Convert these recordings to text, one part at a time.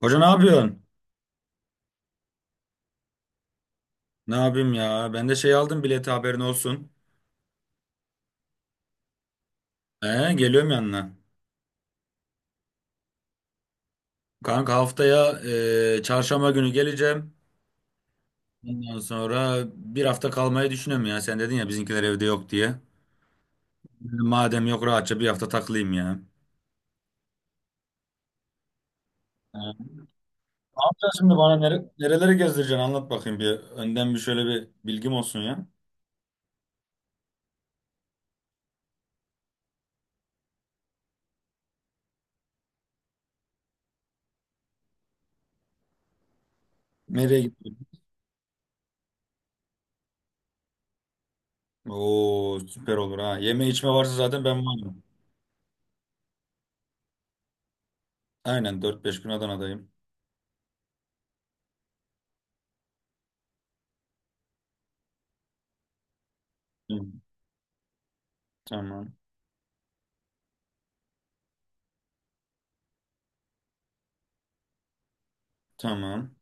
Hoca ne yapıyorsun? Ne yapayım ya? Ben de şey aldım bileti haberin olsun. Geliyorum yanına. Kanka haftaya çarşamba günü geleceğim. Ondan sonra bir hafta kalmayı düşünüyorum ya. Sen dedin ya bizimkiler evde yok diye. Dedim, madem yok rahatça bir hafta takılayım ya. Ne yapacağız şimdi bana nereleri gezdireceksin anlat bakayım bir. Önden bir şöyle bir bilgim olsun ya. Nereye gidiyorsun? Oo, süper olur ha. Yeme içme varsa zaten ben varım. Aynen 4-5 gün Adana'dayım. Hı. Tamam. Tamam.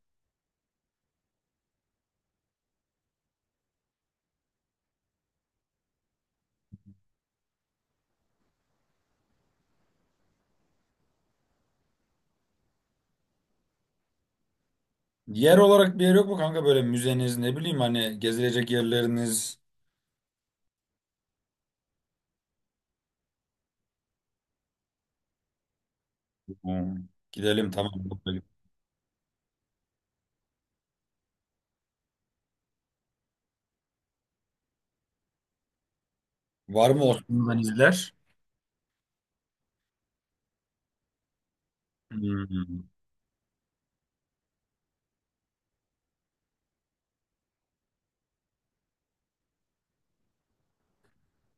Yer olarak bir yer yok mu kanka böyle müzeniz ne bileyim hani gezilecek yerleriniz? Hmm. Gidelim tamam. Var mı Osmanlı'dan izler? Hmm.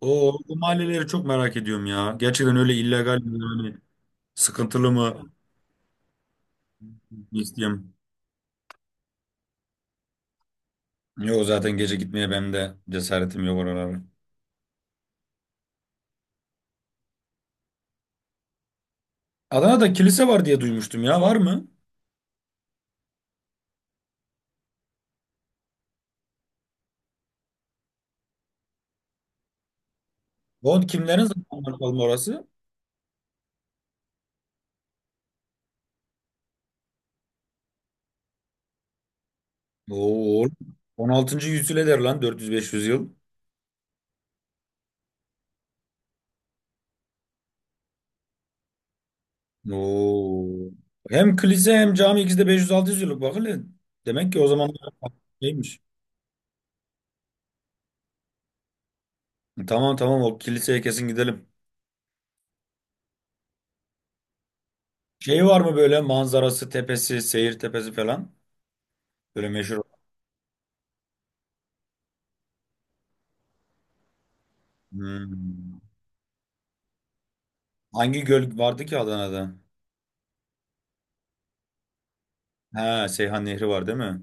O mahalleleri çok merak ediyorum ya. Gerçekten öyle illegal mi hani sıkıntılı mı isteyeyim. Yok zaten gece gitmeye benim de cesaretim yok oralara. Adana'da kilise var diye duymuştum ya, var mı? O kimlerin zamanı bakalım orası? Oo, 16. yüzyıl eder lan 400-500 yıl. Oo. Hem kilise hem cami ikisi de 500-600 yıllık, bak hele. Demek ki o zaman neymiş? Tamam, tamam, o kiliseye kesin gidelim. Şey var mı böyle manzarası, tepesi, seyir tepesi falan? Böyle meşhur. Hmm. Hangi göl vardı ki Adana'da? Ha, Seyhan Nehri var değil mi?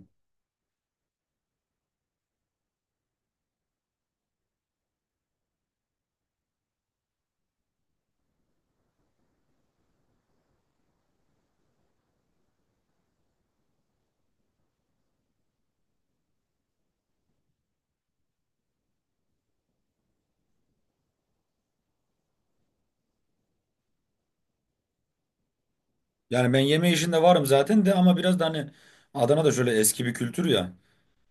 Yani ben yeme işinde varım zaten de, ama biraz da hani Adana'da şöyle eski bir kültür ya.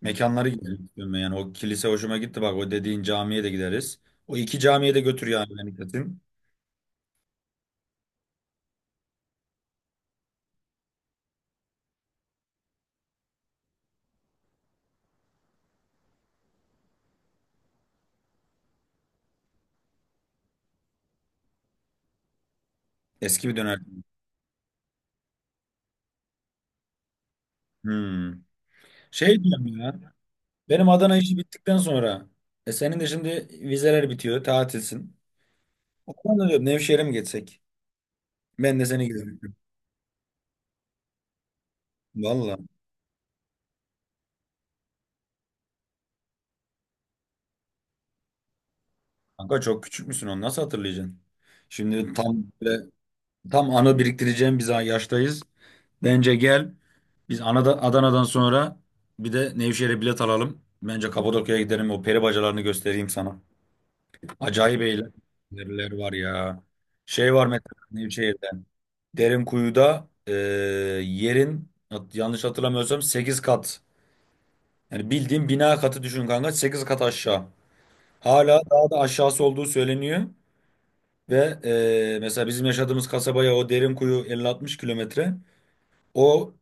Mekanları gidelim istiyorum ben, yani. O kilise hoşuma gitti, bak, o dediğin camiye de gideriz. O iki camiye de götür yani beni kesin. Eski bir döner. Hmm. Şey diyorum ya. Benim Adana işi bittikten sonra senin de şimdi vizeler bitiyor, tatilsin. Ondan da diyorum Nevşehir'e mi geçsek? Ben de seni gidebilirim. Valla. Kanka çok küçük müsün, onu nasıl hatırlayacaksın? Şimdi tam anı biriktireceğim biz yaştayız. Bence gel. Biz Adana'dan sonra bir de Nevşehir'e bilet alalım. Bence Kapadokya'ya gidelim. O peri bacalarını göstereyim sana. Acayip eğlenceler var ya. Şey var mesela Nevşehir. Derinkuyu'da yanlış hatırlamıyorsam 8 kat. Yani bildiğin bina katı düşün kanka, 8 kat aşağı. Hala daha da aşağısı olduğu söyleniyor. Ve mesela bizim yaşadığımız kasabaya o Derinkuyu 50-60 kilometre. O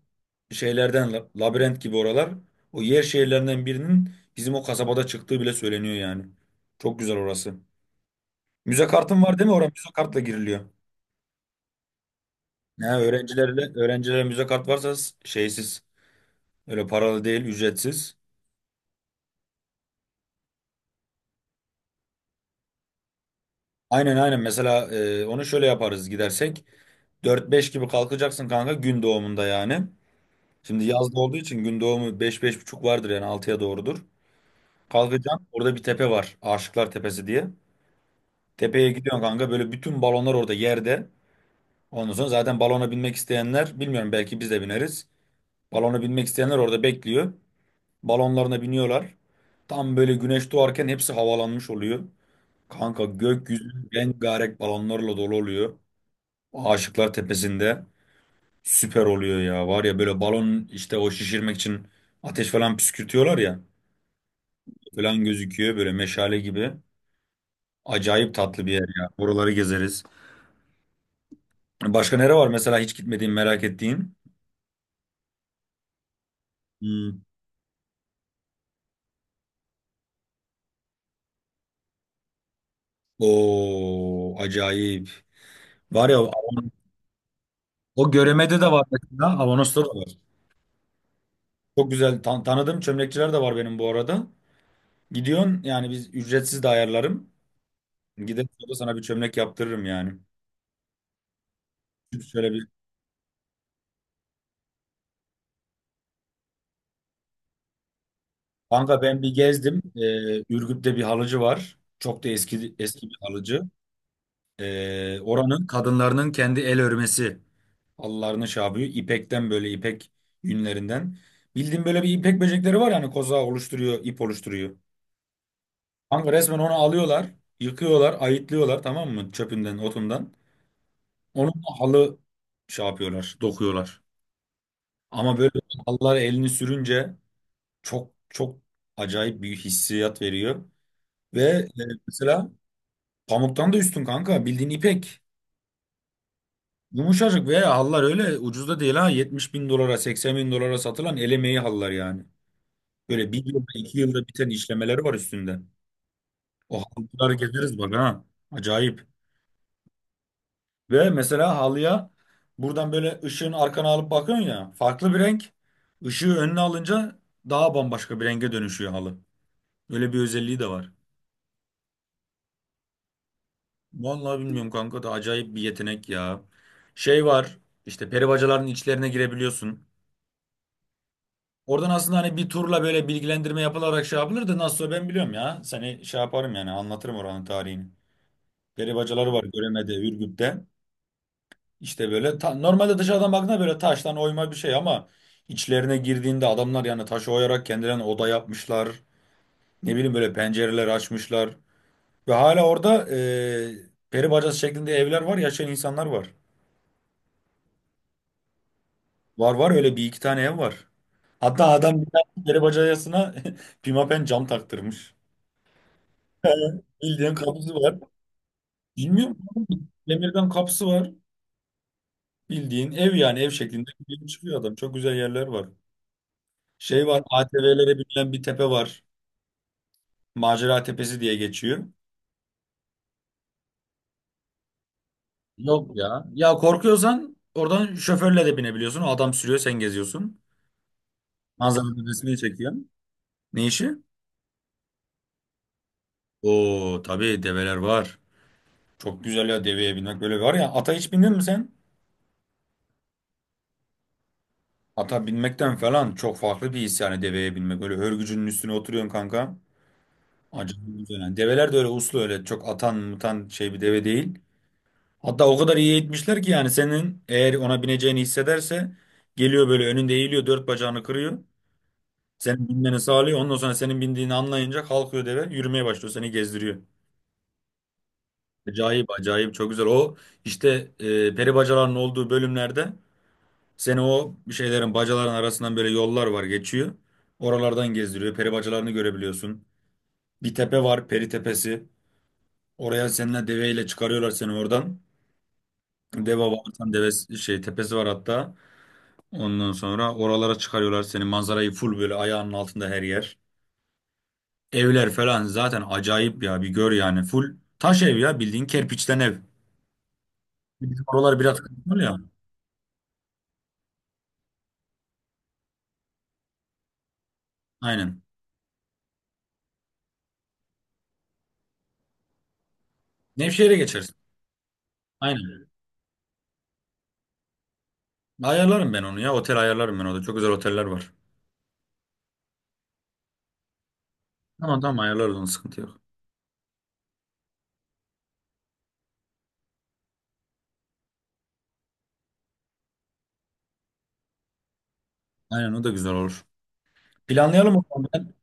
labirent gibi oralar. O yer şehirlerinden birinin bizim o kasabada çıktığı bile söyleniyor yani. Çok güzel orası. Müze kartın var değil mi? Oraya müze kartla giriliyor. Ne öğrencilerle öğrencilere müze kart şeysiz. Öyle paralı değil, ücretsiz. Aynen, aynen. Mesela onu şöyle yaparız gidersek. Dört beş gibi kalkacaksın kanka, gün doğumunda yani. Şimdi yazda olduğu için gün doğumu beş beş buçuk vardır yani, 6'ya doğrudur. Kalkacaksın. Orada bir tepe var, Aşıklar Tepesi diye. Tepeye gidiyorsun kanka. Böyle bütün balonlar orada yerde. Ondan sonra zaten balona binmek isteyenler, bilmiyorum, belki biz de bineriz. Balona binmek isteyenler orada bekliyor. Balonlarına biniyorlar. Tam böyle güneş doğarken hepsi havalanmış oluyor. Kanka gökyüzü rengarenk balonlarla dolu oluyor. Aşıklar Tepesi'nde süper oluyor ya. Var ya böyle balon, işte o şişirmek için ateş falan püskürtüyorlar ya. Falan gözüküyor böyle meşale gibi. Acayip tatlı bir yer ya. Oraları gezeriz. Başka nere var mesela hiç gitmediğin merak ettiğin? Hmm. Oo, acayip. Var ya o Göreme'de de var mesela. Avanos'ta da var. Çok güzel tanıdığım çömlekçiler de var benim bu arada. Gidiyorsun yani, biz ücretsiz de ayarlarım. Gidelim, sonra sana bir çömlek yaptırırım yani. Çünkü şöyle bir kanka ben bir gezdim. Ürgüp'te bir halıcı var. Çok da eski eski bir halıcı. Oranın kadınlarının kendi el örmesi halılarını şey yapıyor. İpekten böyle ipek yünlerinden. Bildiğin böyle bir ipek böcekleri var yani, koza oluşturuyor, ip oluşturuyor. Kanka resmen onu alıyorlar, yıkıyorlar, ayıtlıyorlar, tamam mı? Çöpünden, otundan. Onunla halı şey yapıyorlar, dokuyorlar. Ama böyle halılar elini sürünce çok çok acayip bir hissiyat veriyor. Ve mesela pamuktan da üstün kanka, bildiğin ipek. Yumuşacık ve hallar öyle ucuz da değil ha, 70 bin dolara 80 bin dolara satılan el emeği hallar yani. Böyle bir yılda iki yılda biten işlemeleri var üstünde. O halıları gezeriz, bak ha, acayip. Ve mesela halıya buradan böyle ışığın arkana alıp bakıyorsun ya, farklı bir renk. Işığı önüne alınca daha bambaşka bir renge dönüşüyor halı. Öyle bir özelliği de var. Vallahi bilmiyorum kanka da acayip bir yetenek ya. Şey var işte, peri bacaların içlerine girebiliyorsun. Oradan aslında hani bir turla böyle bilgilendirme yapılarak şey yapılır da, nasıl, o ben biliyorum ya. Seni şey yaparım yani, anlatırım oranın tarihini. Peri bacaları var Göreme'de, Ürgüp'te. İşte böyle normalde dışarıdan baktığında böyle taştan oyma bir şey ama içlerine girdiğinde adamlar yani taşı oyarak kendilerine oda yapmışlar. Ne bileyim böyle pencereler açmışlar. Ve hala orada peri bacası şeklinde evler var, yaşayan insanlar var. Var var, öyle bir iki tane ev var. Hatta adam bir tane peri bacayasına pimapen cam taktırmış. Bildiğin kapısı var. Bilmiyorum. Demirden kapısı var. Bildiğin ev yani, ev şeklinde gidiyor çıkıyor adam. Çok güzel yerler var. Şey var, ATV'lere binilen bir tepe var. Macera Tepesi diye geçiyor. Yok ya. Ya korkuyorsan oradan şoförle de binebiliyorsun. O adam sürüyor, sen geziyorsun. Manzaranın resmini çekiyor. Ne işi? Oo, tabii develer var. Çok güzel ya deveye binmek, böyle var ya, ata hiç bindin mi sen? Ata binmekten falan çok farklı bir his yani deveye binmek. Öyle hörgücünün üstüne oturuyorsun kanka. Acayip güzel yani. Develer de öyle uslu, öyle çok atan mutan şey bir deve değil. Hatta o kadar iyi eğitmişler ki yani, senin eğer ona bineceğini hissederse geliyor böyle önünde eğiliyor, dört bacağını kırıyor. Senin binmeni sağlıyor. Ondan sonra senin bindiğini anlayınca kalkıyor, deve yürümeye başlıyor, seni gezdiriyor. Acayip acayip çok güzel. O işte peri bacalarının olduğu bölümlerde seni o bir şeylerin bacaların arasından böyle yollar var geçiyor. Oralardan gezdiriyor. Peri bacalarını görebiliyorsun. Bir tepe var, peri tepesi. Oraya seninle deveyle çıkarıyorlar seni oradan. Deva varsan devesi şey tepesi var hatta. Ondan sonra oralara çıkarıyorlar seni. Manzarayı full böyle ayağının altında her yer. Evler falan zaten acayip ya. Bir gör yani, full taş ev ya, bildiğin kerpiçten ev. Bizim oralar biraz kısıtlı ya. Aynen. Nevşehir'e geçersin. Aynen. Ayarlarım ben onu ya. Otel ayarlarım ben orada. Çok güzel oteller var. Tamam, tamam, ayarlarız onu, sıkıntı yok. Aynen, o da güzel olur. Planlayalım o zaman ben.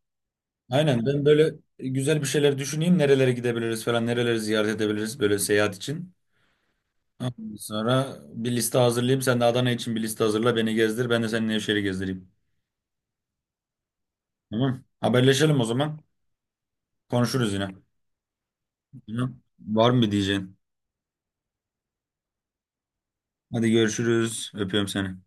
Aynen, ben böyle güzel bir şeyler düşüneyim. Nerelere gidebiliriz falan, nereleri ziyaret edebiliriz böyle seyahat için. Ondan sonra bir liste hazırlayayım. Sen de Adana için bir liste hazırla. Beni gezdir. Ben de seninle Nevşehir'i gezdireyim. Tamam. Haberleşelim o zaman. Konuşuruz yine. Tamam. Var mı bir diyeceğin? Hadi görüşürüz. Öpüyorum seni.